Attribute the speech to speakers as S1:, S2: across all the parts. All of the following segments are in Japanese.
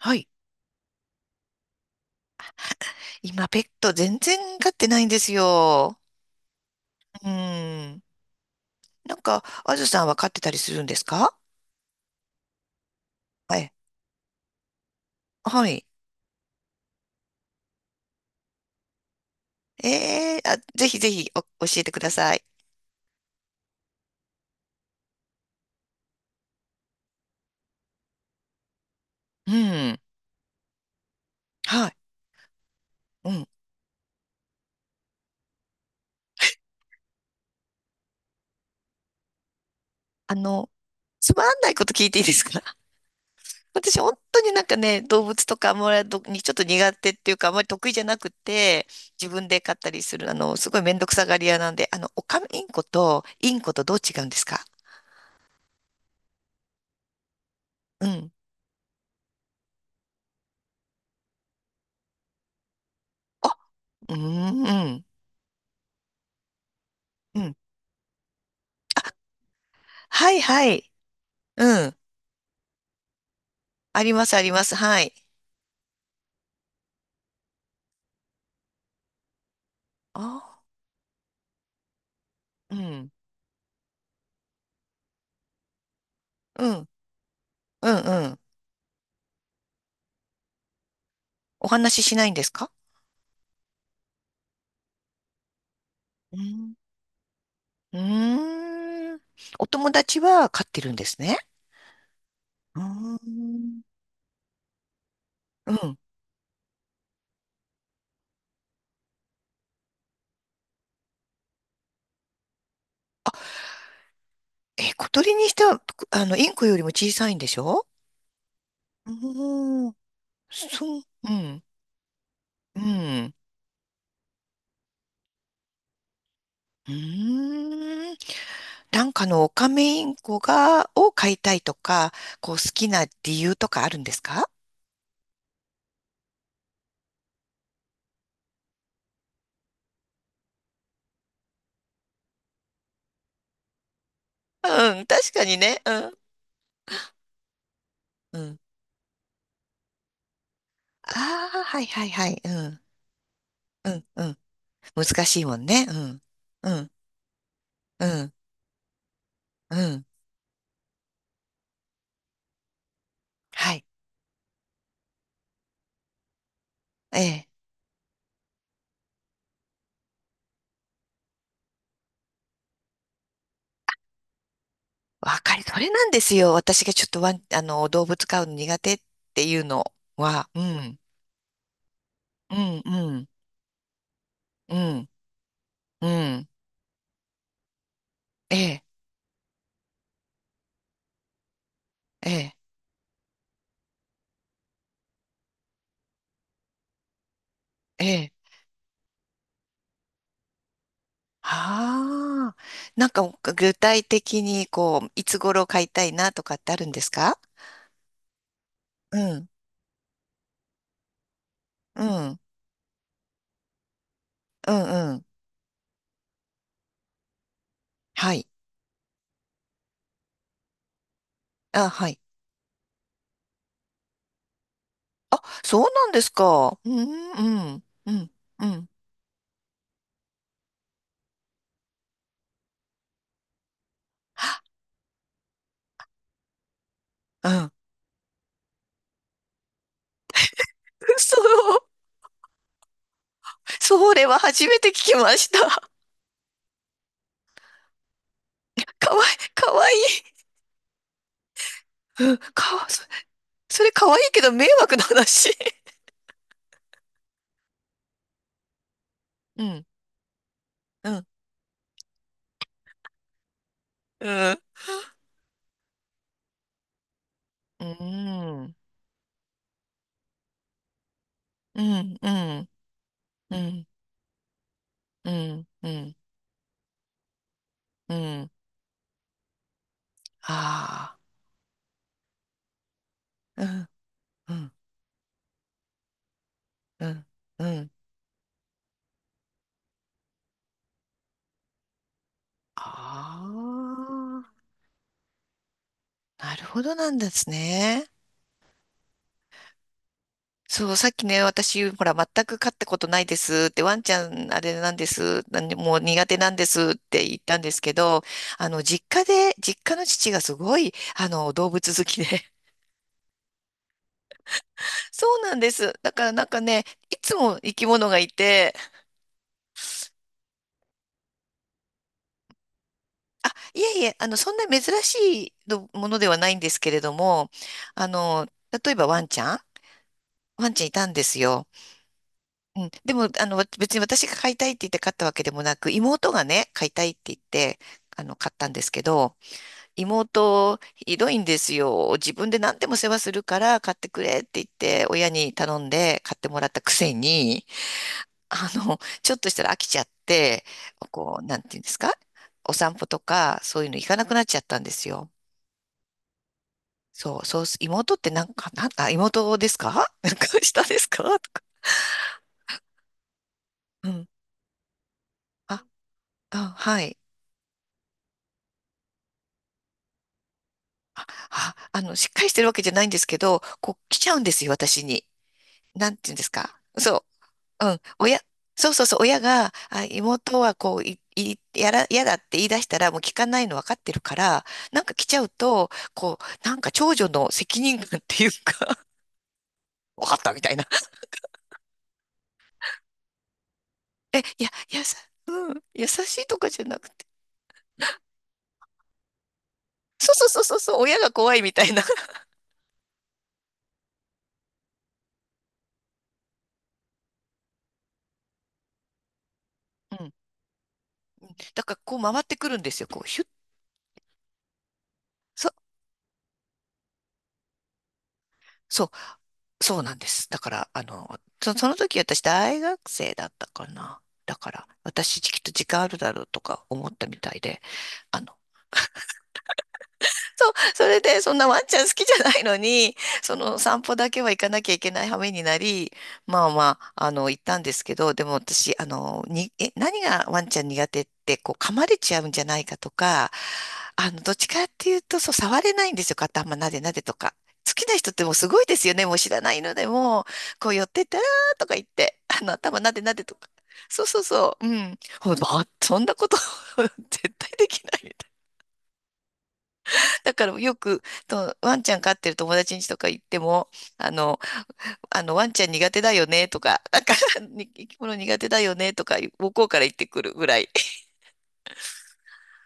S1: はい。今、ペット全然飼ってないんですよ。うん。なんか、あずさんは飼ってたりするんですか？はい。はい。ええ、あ、ぜひぜひお教えてください。うん。はい。うん。あの、つまんないこと聞いていいですか？ 私、本当になんかね、動物とかあんまりどにちょっと苦手っていうか、あんまり得意じゃなくて、自分で飼ったりする、すごいめんどくさがり屋なんで、オカメインコとインコとどう違うんですか？うん。あ、うーん、うん。うん、はいはい。うん。あります、あります。はい。ああ、うん。うん、うん、うん。お話ししないんですか？うん。うーん。お友達は飼ってるんですね。うーん。うん。え、小鳥にしては、インコよりも小さいんでしょ？うーん。そう、うん、うん。うーん。なんかのオカメインコが、を飼いたいとか、こう好きな理由とかあるんですか？うん、確かにね。うん。うん、ああ、はいはいはい。うん。うん。うん。難しいもんね。うん。うん。うん。うん。はい。ええ。わかり、それなんですよ。私がちょっとワン、動物飼うの苦手っていうのは。うん。うん。うん。うん。うん。ええ。ええ。ええ。はあ。なんか具体的に、こう、いつ頃飼いたいなとかってあるんですか？うん。うん。うん。うん。はい。あ、はい。そうなんですか？うん、うん、うん、うん、うん。そう、それは初めて聞きました。かわいい、かわいい。うん、かわ、そ、それかわいいけど迷惑な話。うん、うん、うん、うん、うん、うん、うん、うん、うん、うん、ああ、うん、うん、うん、うん、ああ、なるほどなんですね。そう、さっきね、私、ほら、全く飼ったことないですって、ワンちゃん、あれなんです、なんでもう苦手なんですって言ったんですけど、実家で、実家の父がすごい、動物好きで。そうなんです。だからなんかね、いつも生き物がいて、あ、いえいえ、そんな珍しいのものではないんですけれども、あの、例えばワンちゃん、ワンちゃんいたんですよ。うん、でも、別に私が買いたいって言って買ったわけでもなく、妹がね、買いたいって言って、買ったんですけど、妹、ひどいんですよ。自分で何でも世話するから買ってくれって言って、親に頼んで買ってもらったくせに、ちょっとしたら飽きちゃって、こう、なんていうんですか？お散歩とか、そういうの行かなくなっちゃったんですよ。そう、そうす、妹ってなんか、なん、あ、妹ですか？ なんか下ですかとか。うん。あ、あ、はい。あ、しっかりしてるわけじゃないんですけど、こう来ちゃうんですよ、私に。なんていうんですか。そう。うん。親、そうそうそう、親が、あ、妹はこう、い、い、やら、やだって言い出したら、もう聞かないの分かってるから、なんか来ちゃうと、こう、なんか長女の責任感っていうか、分かったみたいな。え、いや、いやさ、うん、優しいとかじゃなくて。そうそうそうそう、そう、親が怖いみたいな。うん。だからこう回ってくるんですよ、こう、ヒュッ。そう、そう。そうなんです。だから、そ、その時私大学生だったかな。だから、私きっと時間あるだろうとか思ったみたいで、あの、そう、それで、そんなワンちゃん好きじゃないのに、その散歩だけは行かなきゃいけない羽目になり、まあまあ、行ったんですけど、でも私、あの、に、え、何がワンちゃん苦手って、こう、噛まれちゃうんじゃないかとか、どっちかっていうと、そう、触れないんですよ、頭なでなでとか。好きな人ってもうすごいですよね、もう知らないのでも、こう寄ってったらーとか言って、頭なでなでとか。そうそうそう、うん。ほんまあそんなこと 絶対できない。だからよく、と、ワンちゃん飼ってる友達に家とか行っても、あの、ワンちゃん苦手だよねとか、なんか、に生き物苦手だよねとか、向こうから言ってくるぐらい。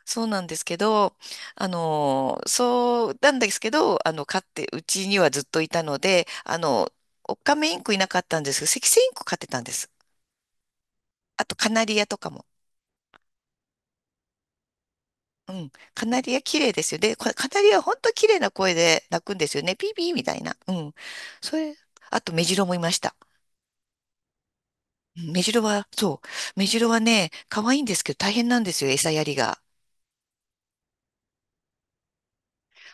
S1: そうなんですけど、そうなんですけど、飼って、うちにはずっといたので、オカメインコいなかったんですけど、セキセイインコ飼ってたんです。あと、カナリアとかも。うん。カナリア綺麗ですよね。でカナリア本当綺麗な声で鳴くんですよね。ピーピーみたいな。うん。それ、あとメジロもいました。メジロは、そう。メジロはね、可愛いんですけど大変なんですよ、餌やりが。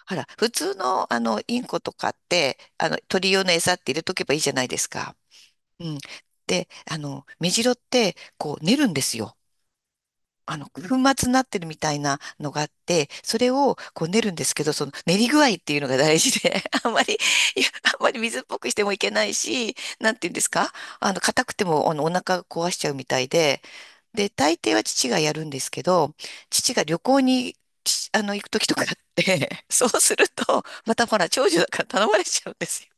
S1: ほら、普通の、インコとかって、鳥用の餌って入れとけばいいじゃないですか。うん。で、メジロって、こう、寝るんですよ。粉末になってるみたいなのがあって、それをこう練るんですけど、その練り具合っていうのが大事で、あんまり、いや、あんまり水っぽくしてもいけないし、なんていうんですか？硬くても、お腹壊しちゃうみたいで、で、大抵は父がやるんですけど、父が旅行に、ち行く時とかあって、そうすると、またほら、長女だから頼まれちゃうんです。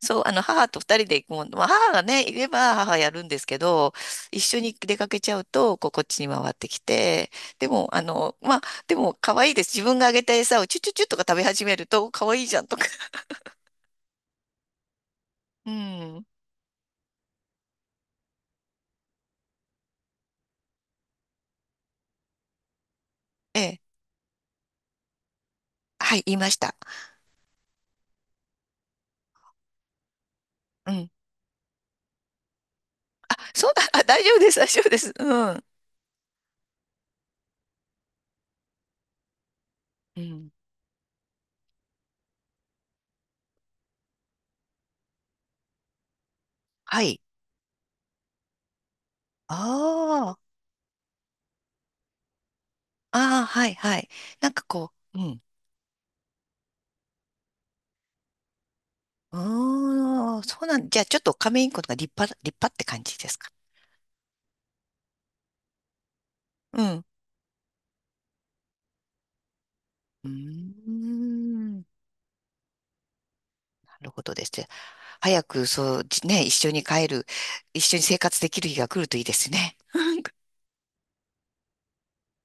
S1: そう、母と二人で行くもん、まあ、母がね、いれば母やるんですけど、一緒に出かけちゃうと、こう、こっちに回ってきて、でも、まあ、でも、可愛いです。自分があげた餌をチュチュチュとか食べ始めると、可愛いじゃんとか。うん。ええ。はい、言いました。うん。あ、そうだ。あ、大丈夫です。大丈夫です。うん。うん。はい。ああ。ああ、はい、はい。なんかこう、うん。うーん。そうなん、じゃあ、ちょっとカメインコが立派、立派って感じですか？うん。うーん、なるほどですね。早く、そう、じね、一緒に帰る、一緒に生活できる日が来るといいですね。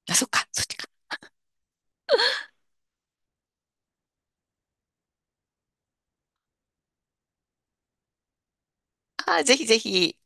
S1: あ、そっか、そっちか。あー、ぜひぜひ。